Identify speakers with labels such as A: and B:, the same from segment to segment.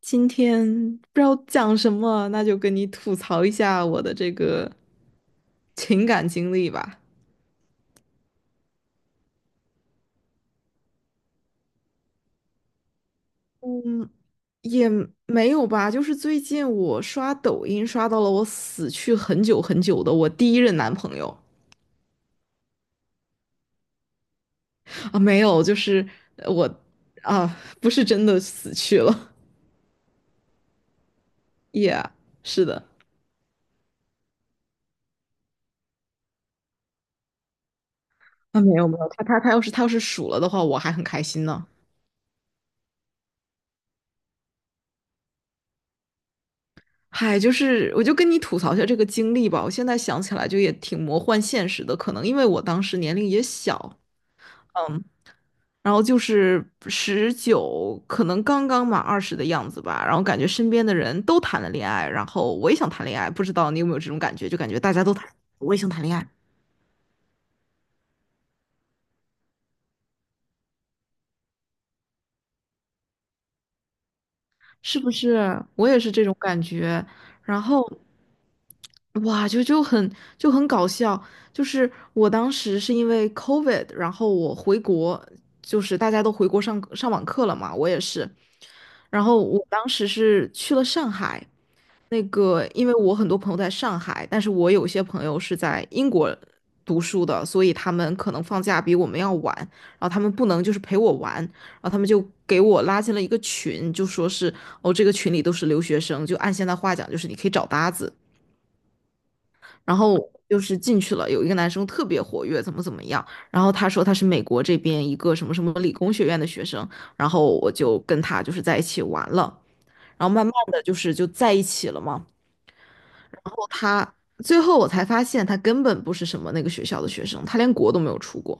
A: 今天不知道讲什么，那就跟你吐槽一下我的这个情感经历吧。嗯，也没有吧，就是最近我刷抖音刷到了我死去很久很久的我第一任男朋友啊，没有，就是呃我啊，不是真的死去了 ，yeah，是的，啊，没有没有，他要是数了的话，我还很开心呢。嗨，就是我就跟你吐槽一下这个经历吧。我现在想起来就也挺魔幻现实的，可能因为我当时年龄也小，嗯，然后就是十九，可能刚刚满二十的样子吧。然后感觉身边的人都谈了恋爱，然后我也想谈恋爱，不知道你有没有这种感觉？就感觉大家都谈，我也想谈恋爱，是不是？我也是这种感觉。然后，哇，就很就很搞笑。就是我当时是因为 COVID，然后我回国，就是大家都回国上网课了嘛，我也是。然后我当时是去了上海，那个，因为我很多朋友在上海，但是我有些朋友是在英国读书的，所以他们可能放假比我们要晚，然后他们不能就是陪我玩，然后他们就给我拉进了一个群，就说是哦，这个群里都是留学生，就按现在话讲，就是你可以找搭子。然后就是进去了，有一个男生特别活跃，怎么怎么样，然后他说他是美国这边一个什么什么理工学院的学生，然后我就跟他就是在一起玩了，然后慢慢的就是就在一起了嘛。然后他最后我才发现，他根本不是什么那个学校的学生，他连国都没有出过，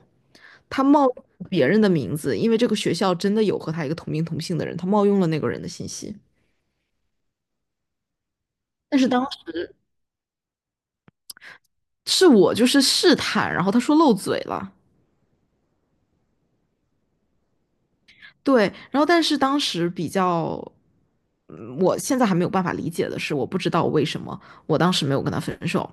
A: 他冒用别人的名字，因为这个学校真的有和他一个同名同姓的人，他冒用了那个人的信息。但是当时是我就是试探，然后他说漏嘴了，对，然后但是当时比较，嗯我现在还没有办法理解的是，我不知道为什么我当时没有跟他分手，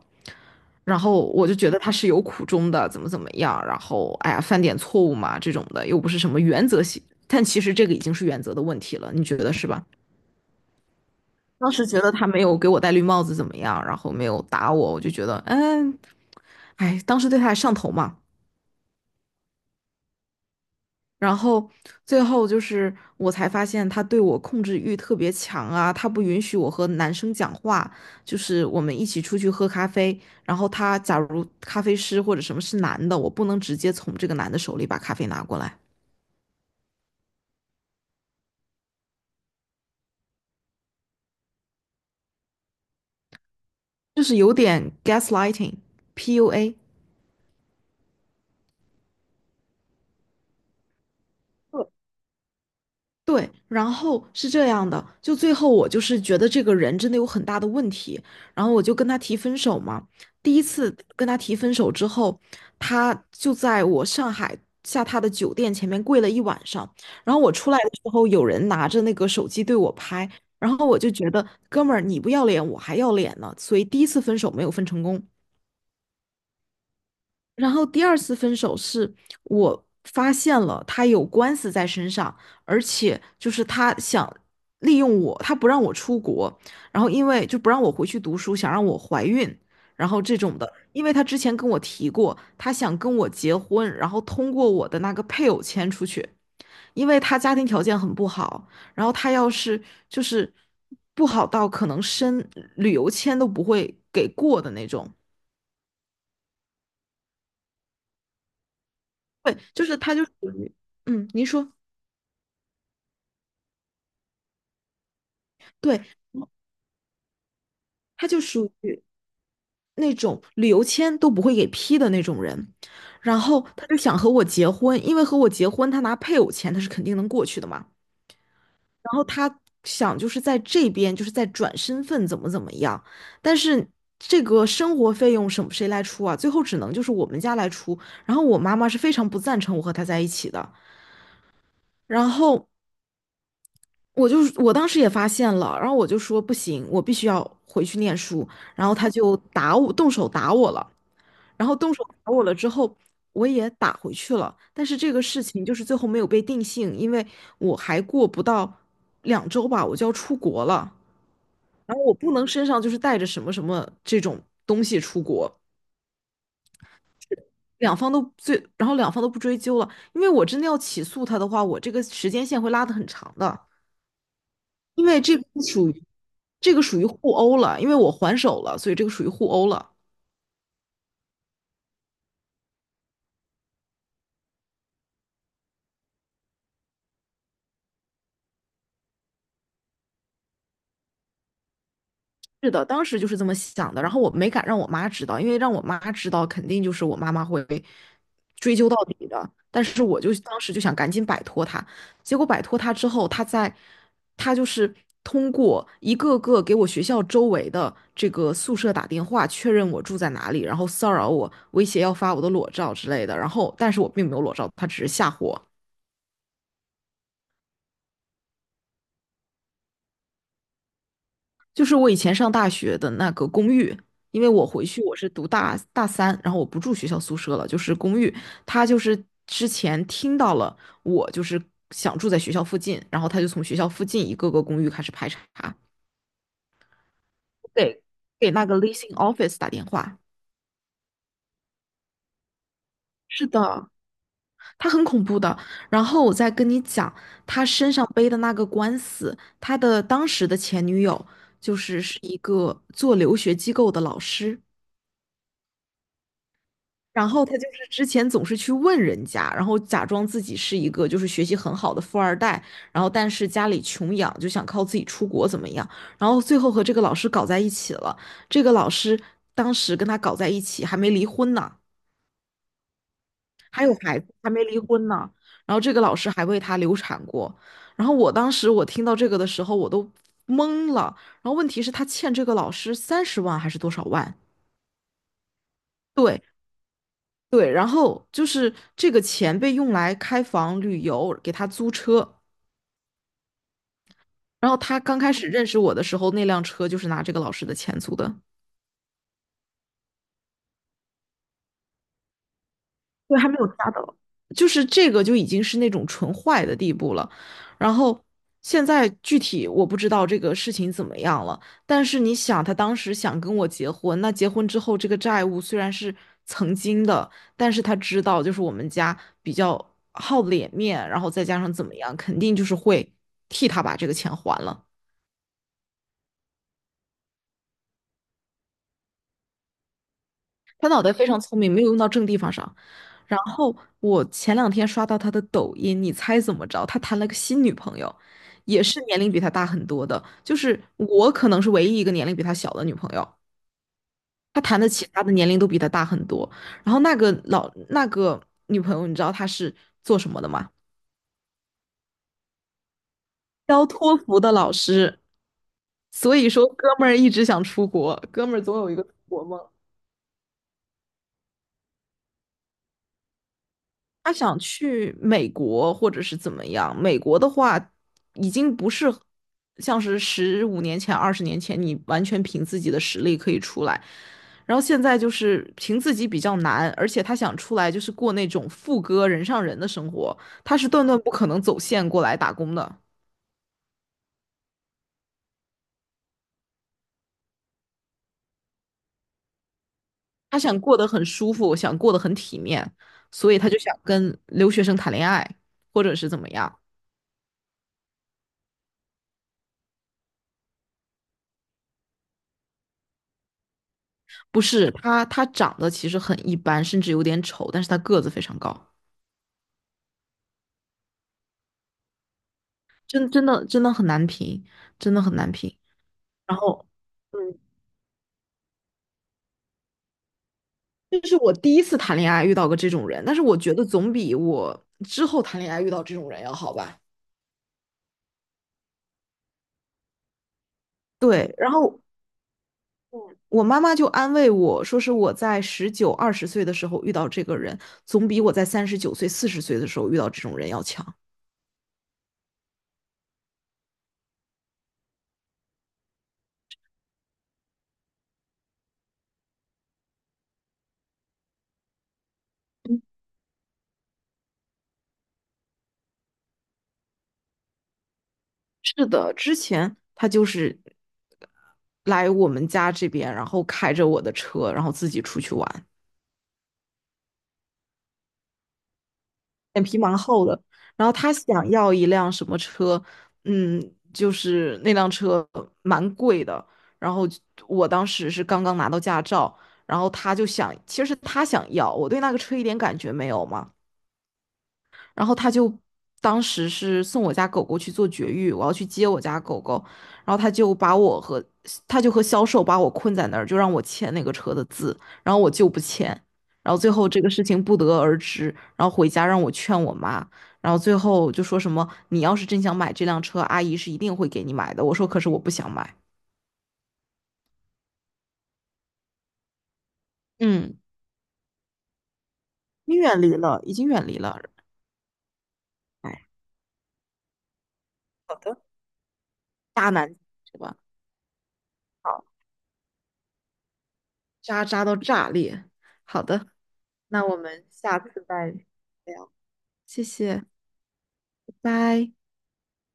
A: 然后我就觉得他是有苦衷的，怎么怎么样，然后哎呀犯点错误嘛这种的，又不是什么原则性，但其实这个已经是原则的问题了，你觉得是吧？当时觉得他没有给我戴绿帽子怎么样，然后没有打我，我就觉得嗯，哎，当时对他还上头嘛。然后最后就是我才发现他对我控制欲特别强啊，他不允许我和男生讲话，就是我们一起出去喝咖啡，然后他假如咖啡师或者什么是男的，我不能直接从这个男的手里把咖啡拿过来，就是有点 gaslighting，PUA。对，然后是这样的，就最后我就是觉得这个人真的有很大的问题，然后我就跟他提分手嘛。第一次跟他提分手之后，他就在我上海下榻的酒店前面跪了1晚上，然后我出来的时候，有人拿着那个手机对我拍，然后我就觉得哥们儿你不要脸我还要脸呢，所以第一次分手没有分成功。然后第二次分手是我发现了他有官司在身上，而且就是他想利用我，他不让我出国，然后因为就不让我回去读书，想让我怀孕，然后这种的，因为他之前跟我提过，他想跟我结婚，然后通过我的那个配偶签出去，因为他家庭条件很不好，然后他要是就是不好到可能申旅游签都不会给过的那种，对，就是他就属于，嗯，您说。对，他就属于那种旅游签都不会给批的那种人，然后他就想和我结婚，因为和我结婚，他拿配偶钱他是肯定能过去的嘛。然后他想就是在这边就是在转身份怎么怎么样，但是这个生活费用什么谁来出啊？最后只能就是我们家来出。然后我妈妈是非常不赞成我和他在一起的，然后。我就我当时也发现了，然后我就说不行，我必须要回去念书，然后他就打我，动手打我了。然后动手打我了之后，我也打回去了，但是这个事情就是最后没有被定性，因为我还过不到2周吧，我就要出国了，然后我不能身上就是带着什么什么这种东西出国，两方都最，然后两方都不追究了，因为我真的要起诉他的话，我这个时间线会拉得很长的，因为这个不属于这个属于互殴了，因为我还手了，所以这个属于互殴了。是的，当时就是这么想的，然后我没敢让我妈知道，因为让我妈知道，肯定就是我妈妈会追究到底的。但是我就当时就想赶紧摆脱她，结果摆脱她之后，她在，她就是通过一个个给我学校周围的这个宿舍打电话确认我住在哪里，然后骚扰我，威胁要发我的裸照之类的。然后，但是我并没有裸照，她只是吓唬我。就是我以前上大学的那个公寓，因为我回去我是读大三，然后我不住学校宿舍了，就是公寓。他就是之前听到了我就是想住在学校附近，然后他就从学校附近一个个公寓开始排查，给给那个 leasing office 打电话。是的，他很恐怖的。然后我再跟你讲，他身上背的那个官司，他的当时的前女友就是是一个做留学机构的老师。然后他就是之前总是去问人家，然后假装自己是一个就是学习很好的富二代，然后但是家里穷养，就想靠自己出国怎么样？然后最后和这个老师搞在一起了。这个老师当时跟他搞在一起，还没离婚呢，还有孩子，还没离婚呢。然后这个老师还为他流产过。然后我当时我听到这个的时候，我都懵了。然后问题是，他欠这个老师30万还是多少万？对，对，然后就是这个钱被用来开房、旅游，给他租车。然后他刚开始认识我的时候，那辆车就是拿这个老师的钱租的。对，还没有加的，就是这个就已经是那种纯坏的地步了。然后现在具体我不知道这个事情怎么样了，但是你想，他当时想跟我结婚，那结婚之后这个债务虽然是曾经的，但是他知道就是我们家比较好脸面，然后再加上怎么样，肯定就是会替他把这个钱还了。他脑袋非常聪明，没有用到正地方上。然后我前两天刷到他的抖音，你猜怎么着？他谈了个新女朋友，也是年龄比他大很多的，就是我可能是唯一一个年龄比他小的女朋友。他谈的其他的年龄都比他大很多。然后那个老那个女朋友，你知道她是做什么的吗？教托福的老师。所以说，哥们儿一直想出国，哥们儿总有一个出国梦。他想去美国或者是怎么样？美国的话，已经不是像是15年前、20年前，你完全凭自己的实力可以出来。然后现在就是凭自己比较难，而且他想出来就是过那种副歌人上人的生活，他是断断不可能走线过来打工的。他想过得很舒服，想过得很体面，所以他就想跟留学生谈恋爱，或者是怎么样。不是，他他长得其实很一般，甚至有点丑，但是他个子非常高。真的很难评，真的很难评。然后，嗯，这是我第一次谈恋爱遇到过这种人，但是我觉得总比我之后谈恋爱遇到这种人要好吧。对，然后嗯我妈妈就安慰我说，是我在十九、20岁的时候遇到这个人，总比我在39岁、40岁的时候遇到这种人要强。是的，之前他就是来我们家这边，然后开着我的车，然后自己出去玩。脸皮蛮厚的。然后他想要一辆什么车，嗯，就是那辆车蛮贵的。然后我当时是刚刚拿到驾照，然后他就想，其实他想要，我对那个车一点感觉没有嘛。然后他就当时是送我家狗狗去做绝育，我要去接我家狗狗，然后他就把我和他就和销售把我困在那儿，就让我签那个车的字，然后我就不签，然后最后这个事情不得而知，然后回家让我劝我妈，然后最后就说什么你要是真想买这辆车，阿姨是一定会给你买的，我说可是我不想买，嗯，你远离了，已经远离了，哎，好的，渣男是吧？好，渣渣到炸裂，好的。那我们下次再聊，谢谢，拜拜。